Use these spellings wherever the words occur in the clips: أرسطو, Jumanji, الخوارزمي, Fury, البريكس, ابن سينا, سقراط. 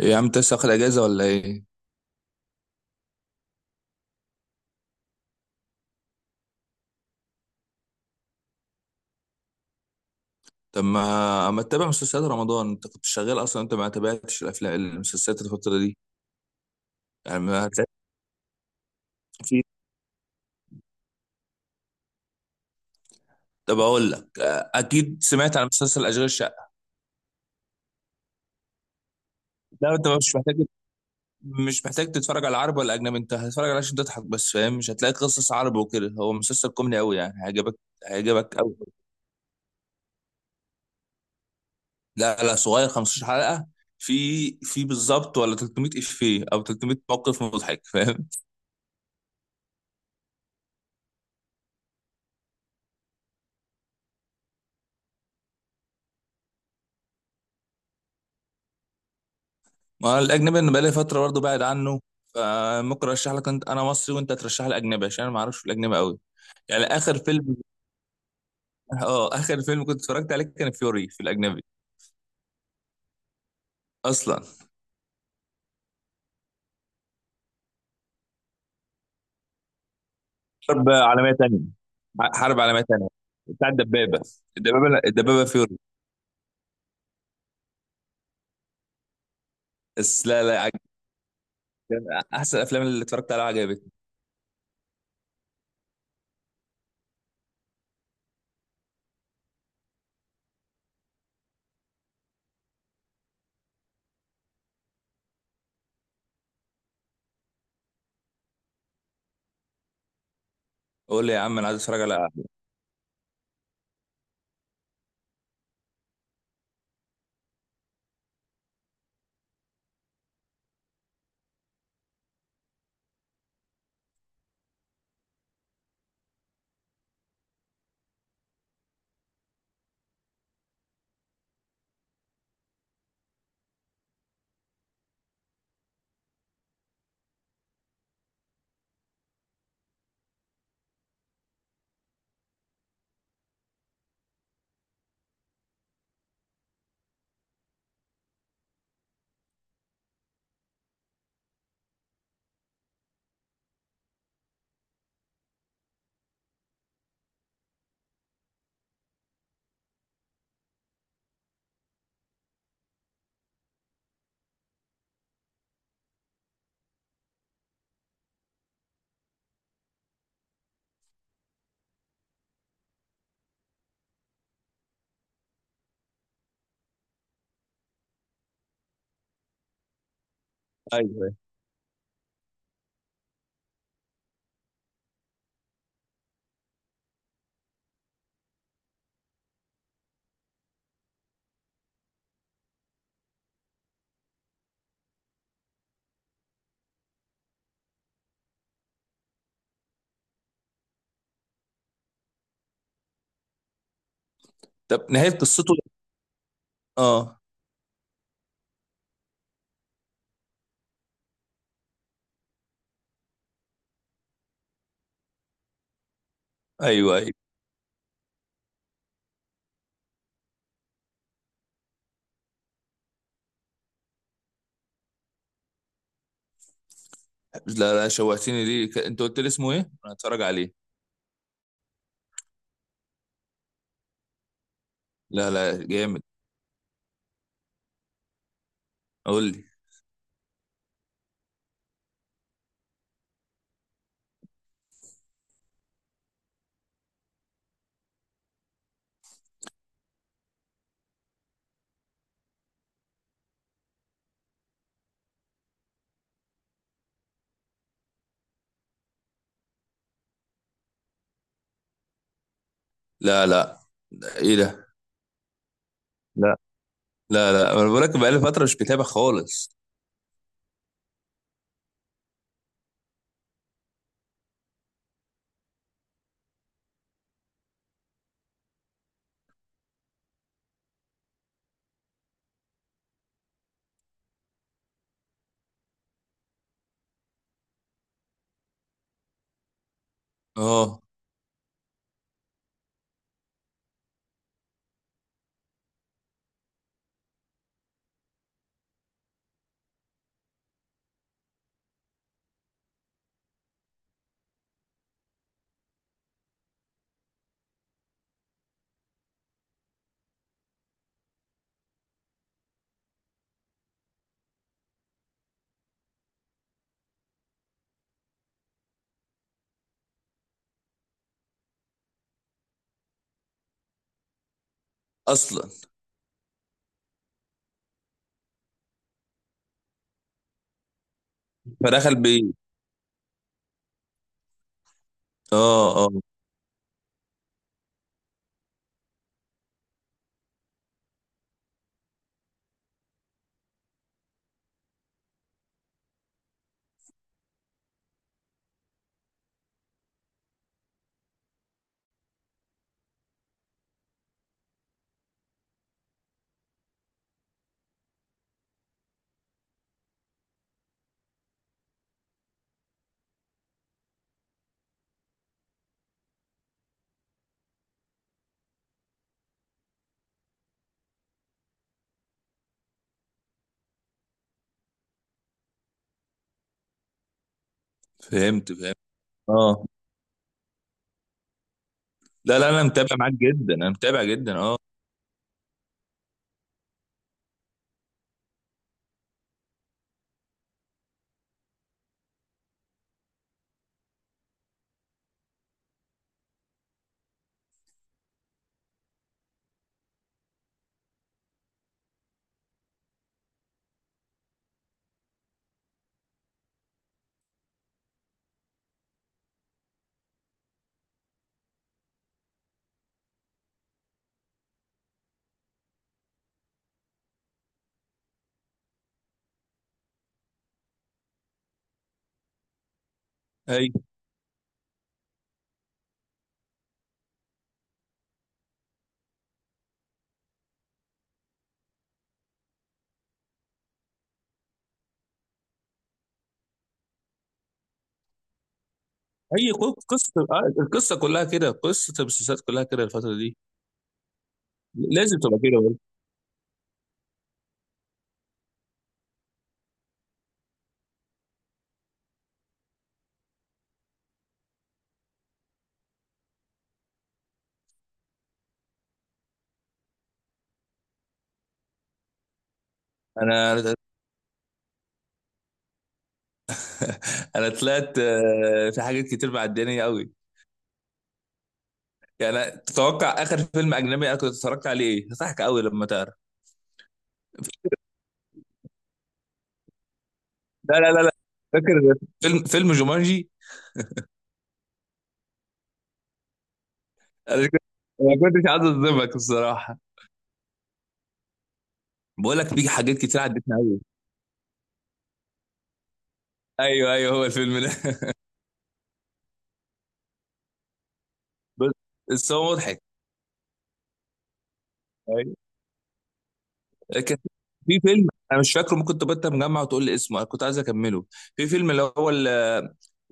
إيه يا عم، انت لسه واخد اجازه ولا ايه؟ طب ما اما تتابع مسلسلات رمضان، انت كنت شغال اصلا. انت ما تابعتش الافلام المسلسلات الفتره دي؟ يعني ما هتلاقي. في. طب اقول لك، اكيد سمعت عن مسلسل اشغال شقه. لا انت مش محتاج. مش محتاج تتفرج على عربي ولا اجنبي، انت هتتفرج عليه عشان تضحك بس، فاهم. مش هتلاقي قصص عربي وكده، هو مسلسل كوميدي قوي يعني، هيعجبك. هيعجبك قوي. لا لا، صغير، 15 حلقه. في بالظبط، ولا 300 افيه او 300 موقف مضحك، فاهم. ما الاجنبي انا بقالي فتره برضه بعد عنه. فممكن ارشح لك انت، انا مصري وانت ترشح لي اجنبي، عشان انا ما اعرفش في الاجنبي قوي. يعني اخر فيلم، اه، اخر فيلم كنت اتفرجت عليه كان فيوري، في الاجنبي. اصلا. حرب عالميه تانية. حرب عالميه تانية. بتاع الدبابه. الدبابه فيوري. بس لا لا كان احسن الافلام اللي اتفرجت عليها، عجبتني. قول لي يا عم، انا عايز اتفرج على. ايوه. طب نهايه قصته. اه. ايوه، ايوه. لا لا، شوقتني ليه، انت قلت لي اسمه ايه؟ انا هتفرج عليه. لا لا، جامد. قول لي. لا لا. ايه ده؟ لا لا لا، انا بقول لك بقالي فتره مش بتابع خالص. اه. اصلا. فدخل بيه. اه، اه. فهمت فهمت. اه. لا لا، انا متابع معاك جدا، انا متابع جدا، اه. اي. اي قصه، القصه كلها كده، قصه المسلسلات كلها كده الفتره دي. لازم تبقى كده برضه. انا أنا طلعت، في حاجات كتير معدياني قوي. يعني تتوقع اخر فيلم اجنبي انا كنت اتفرجت عليه ايه؟ هضحك قوي لما تعرف. لا لا لا لا. فاكر. فيلم جومانجي. انا كنت، ما كنتش عايز اصدمك الصراحه. بقول لك في حاجات كتير عدتنا قوي. ايوه، ايوه، هو الفيلم ده. بس. بس هو مضحك. ايوه. كان في فيلم، انا مش فاكره، ممكن تبقى انت مجمع وتقول لي اسمه، انا كنت عايز اكمله. في فيلم اللي هو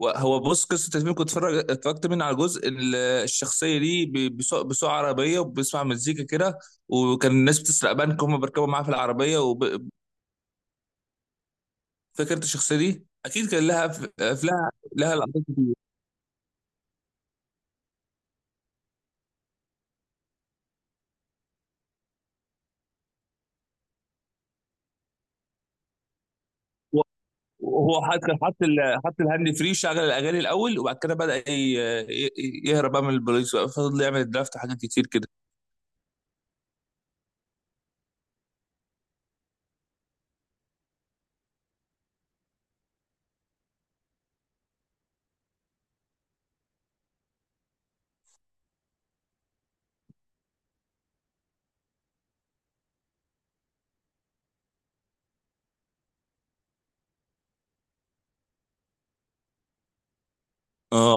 هو بص، قصه الفيلم كنت اتفرجت منه على جزء، الشخصيه دي بيسوق عربيه وبيسمع مزيكا كده، وكان الناس بتسرق بنك، هم بيركبوا معاه في العربيه. وفكره، الشخصيه دي اكيد كان لها لها لها لقطات كتير. هو حط، كان حط حط الهاند فري، شغل الاغاني الاول، وبعد كده بدا يهرب بقى من البوليس بقى، فضل يعمل الدرافت حاجات كتير كده. اه،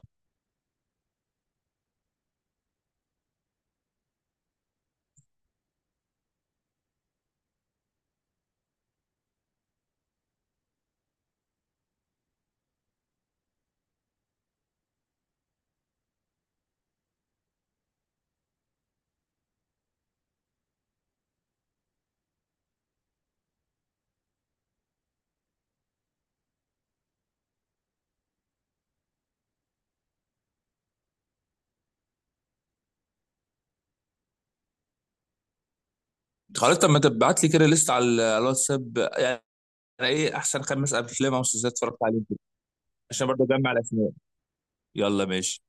خلاص. طب ما تبعت لي كده لسه على على الواتساب يعني، ايه احسن 5 افلام او مسلسلات اتفرجت عليهم كده، عشان برضه اجمع الاسماء. يلا ماشي.